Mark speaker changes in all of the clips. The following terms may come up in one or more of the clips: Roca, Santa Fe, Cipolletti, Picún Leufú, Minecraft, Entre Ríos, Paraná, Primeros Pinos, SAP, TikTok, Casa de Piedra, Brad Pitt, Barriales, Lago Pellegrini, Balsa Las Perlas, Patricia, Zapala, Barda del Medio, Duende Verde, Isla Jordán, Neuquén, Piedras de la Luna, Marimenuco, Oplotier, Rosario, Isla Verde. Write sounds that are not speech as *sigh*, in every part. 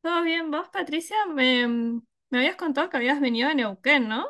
Speaker 1: ¿Todo bien? ¿Vos, Patricia? Me habías contado que habías venido de Neuquén, ¿no?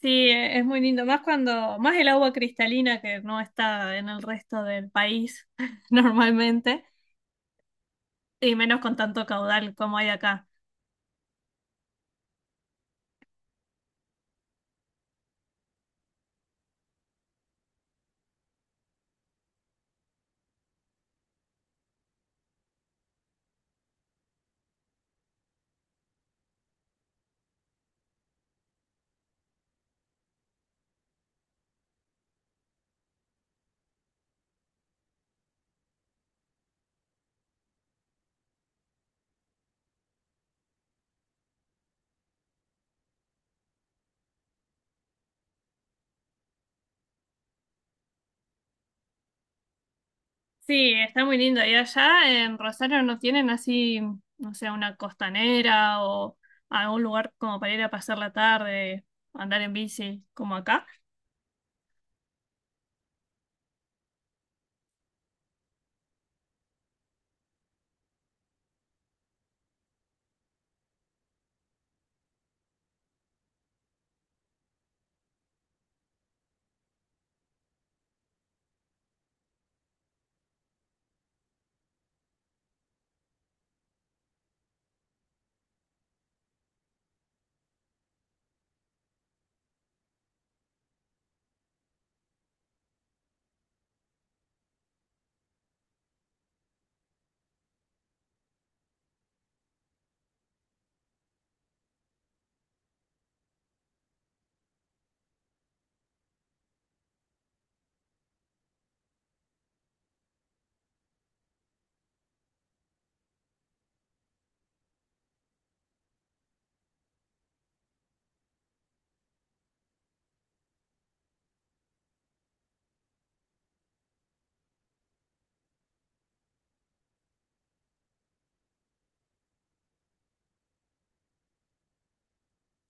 Speaker 1: Sí, es muy lindo. Más el agua cristalina que no está en el resto del país *laughs* normalmente. Y menos con tanto caudal como hay acá. Sí, está muy lindo. Y allá en Rosario no tienen así, no sé, una costanera o algún lugar como para ir a pasar la tarde, andar en bici, como acá.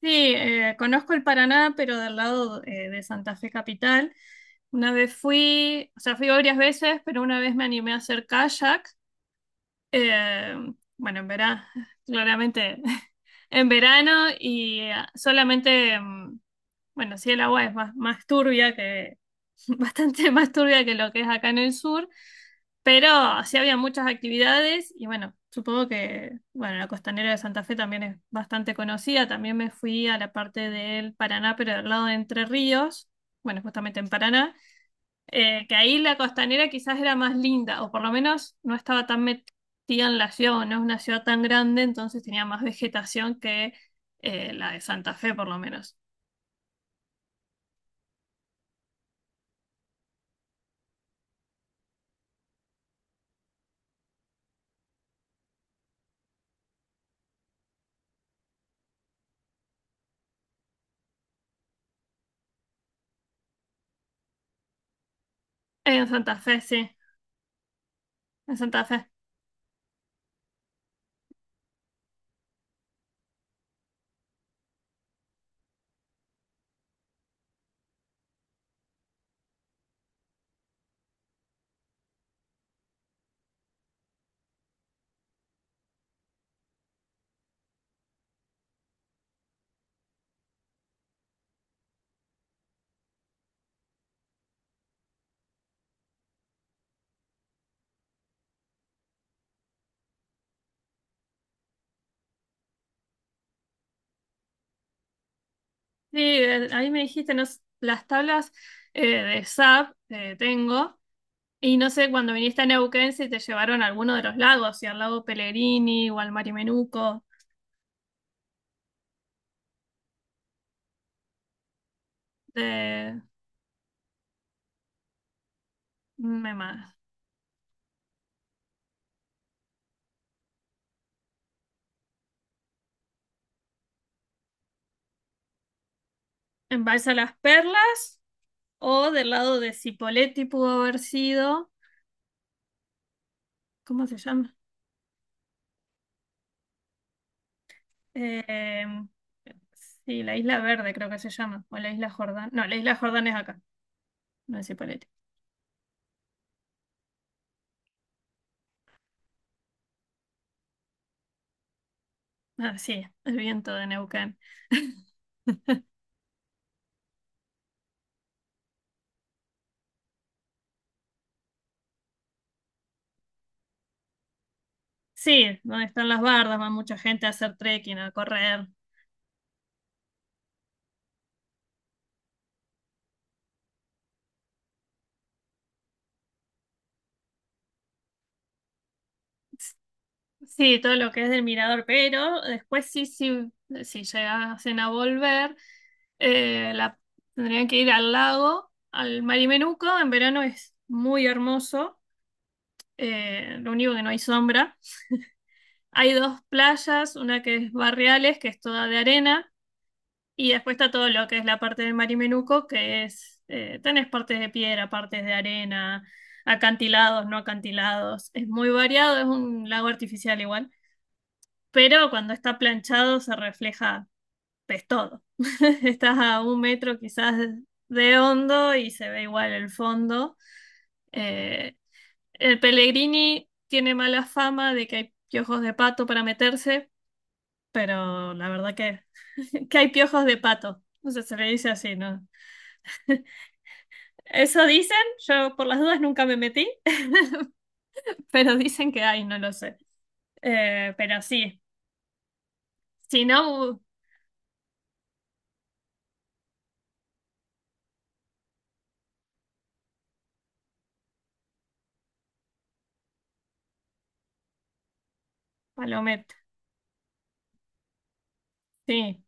Speaker 1: Sí, conozco el Paraná, pero del lado de Santa Fe Capital. Una vez fui, o sea, fui varias veces, pero una vez me animé a hacer kayak. eh, bueno, en verano, claramente *laughs* en verano y solamente, bueno, sí, el agua es más turbia que, *laughs* bastante más turbia que lo que es acá en el sur, pero sí había muchas actividades y bueno, supongo que, bueno, la costanera de Santa Fe también es bastante conocida. También me fui a la parte del Paraná, pero del lado de Entre Ríos, bueno, justamente en Paraná, que ahí la costanera quizás era más linda, o por lo menos no estaba tan metida en la ciudad, o no es una ciudad tan grande, entonces tenía más vegetación que la de Santa Fe, por lo menos. En Santa Fe, sí, en Santa Fe. Sí, ahí me dijiste, no, las tablas de SAP tengo, y no sé, cuando viniste a Neuquén si te llevaron a alguno de los lagos, si al lago Pellegrini o al Marimenuco, de, me ma- en Balsa Las Perlas, o del lado de Cipolletti pudo haber sido, ¿cómo se llama? Eh, sí, la Isla Verde creo que se llama, o la Isla Jordán, no, la Isla Jordán es acá, no es Cipolletti. Ah, sí, el viento de Neuquén. Sí, donde están las bardas, va mucha gente a hacer trekking, a correr. Sí, todo lo que es del mirador, pero después sí, sí, si llegasen a volver, eh, la, tendrían que ir al lago, al Marimenuco. En verano es muy hermoso, lo único que no hay sombra. Hay dos playas, una que es Barriales, que es toda de arena. Y después está todo lo que es la parte del Marimenuco, que es, tenés partes de piedra, partes de arena, acantilados, no acantilados. Es muy variado, es un lago artificial igual, pero cuando está planchado se refleja, pues todo. *laughs* Estás a 1 metro quizás de hondo y se ve igual el fondo. Eh, el Pellegrini tiene mala fama de que hay piojos de pato para meterse, pero la verdad que, *laughs* que hay piojos de pato. O sea se le dice así, ¿no? Eso dicen, yo por las dudas nunca me metí, *laughs* pero dicen que hay, no lo sé. Pero sí, si no, palometa, sí.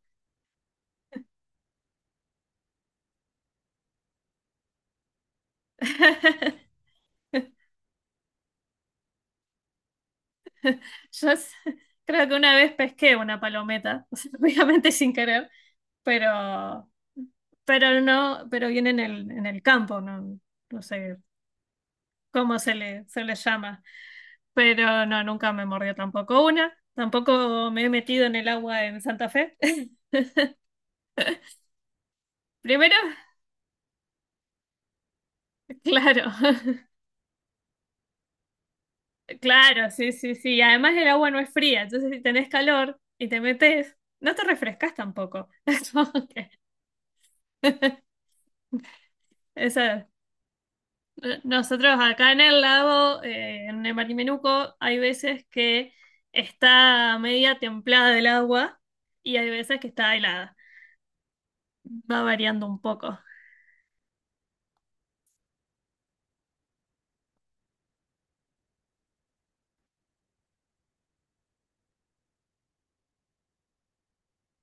Speaker 1: *laughs* Yo s- Creo que una vez pesqué una palometa, *laughs* o sea, obviamente sin querer, pero, pero no, pero viene en en el campo, no, no sé cómo se se le llama. Pero no, nunca me mordió tampoco una. Tampoco me he metido en el agua en Santa Fe. *laughs* Primero, claro, *laughs* claro, sí, sí, sí. Además el agua no es fría, entonces si tenés calor y te metes, no te refrescas tampoco. *laughs* Es como que eso. Nosotros acá en el lago, en el Marimenuco, hay veces que está media templada el agua y hay veces que está helada. Va variando un poco.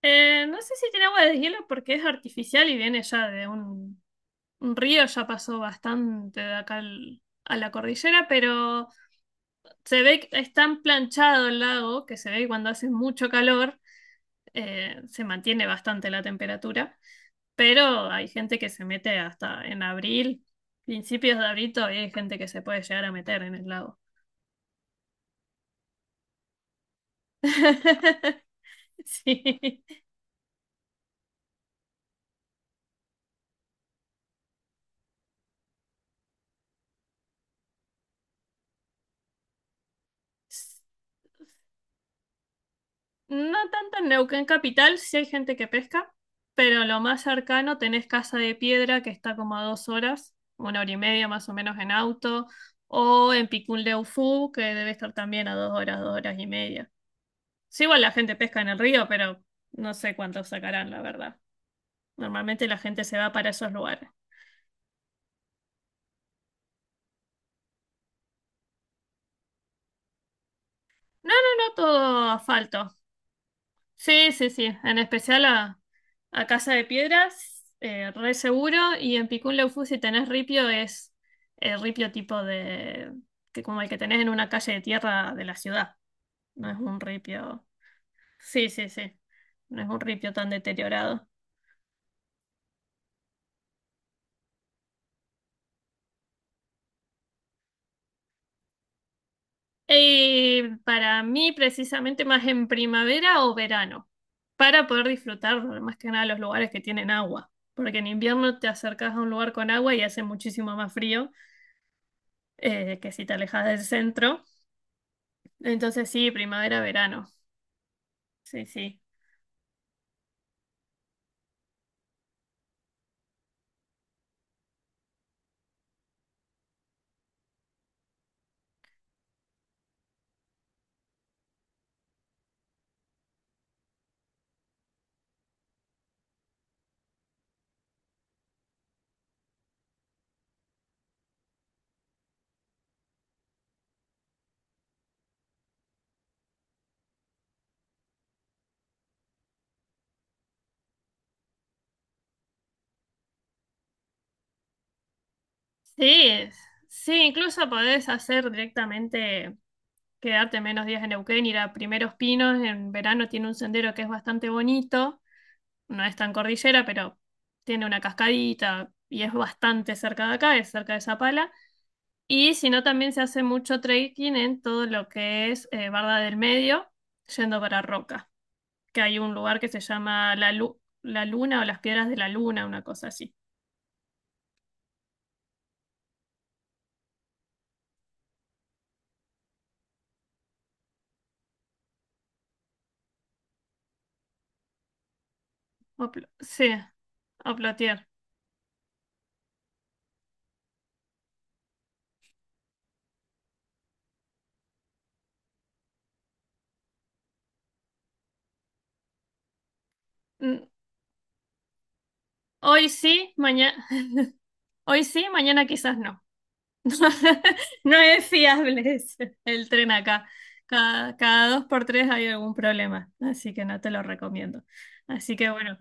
Speaker 1: No sé si tiene agua de hielo porque es artificial y viene ya de un río, ya pasó bastante de acá a la cordillera, pero se ve que es tan planchado el lago que se ve que cuando hace mucho calor se mantiene bastante la temperatura, pero hay gente que se mete hasta en abril, principios de abril todavía hay gente que se puede llegar a meter en el lago. *laughs* Sí. No tanto en Neuquén capital, sí hay gente que pesca, pero lo más cercano tenés Casa de Piedra, que está como a 2 horas, 1 hora y media más o menos en auto, o en Picún Leufú, que debe estar también a 2 horas, 2 horas y media. Sí, igual la gente pesca en el río, pero no sé cuántos sacarán, la verdad. Normalmente la gente se va para esos lugares. No, no, no, todo asfalto. Sí, sí, sí. En especial a Casa de Piedras, re seguro. Y en Picún Leufu, si tenés ripio, es el ripio tipo de… que como el que tenés en una calle de tierra de la ciudad. No es un ripio… Sí, sí, sí. No es un ripio tan deteriorado. Y para mí, precisamente, más en primavera o verano. Para poder disfrutar, más que nada, los lugares que tienen agua. Porque en invierno te acercas a un lugar con agua y hace muchísimo más frío. Que si te alejas del centro. Entonces sí, primavera, verano. Sí, sí. Sí, sí, incluso podés hacer directamente, quedarte menos días en Neuquén, ir a Primeros Pinos. En verano tiene un sendero que es bastante bonito. No es tan cordillera, pero tiene una cascadita y es bastante cerca de acá, es cerca de Zapala. Y si no, también se hace mucho trekking en todo lo que es Barda del Medio, yendo para Roca. Que hay un lugar que se llama la Luna o las Piedras de la Luna, una cosa así. Sí, Oplotier. Mm, Hoy sí, mañana, *laughs* hoy sí, mañana quizás no. *laughs* No es fiable *laughs* el tren acá. Cada dos por tres hay algún problema, así que no te lo recomiendo. Así que bueno,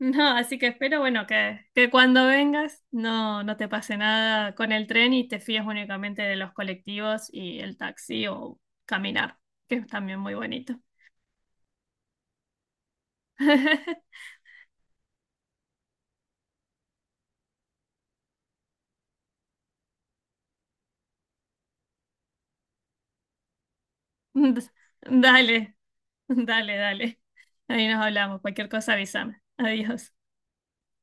Speaker 1: no, así que espero, bueno, que cuando vengas no te pase nada con el tren y te fíes únicamente de los colectivos y el taxi o caminar, que es también muy bonito. *laughs* Dale, dale, dale. Ahí nos hablamos. Cualquier cosa avísame. Adiós.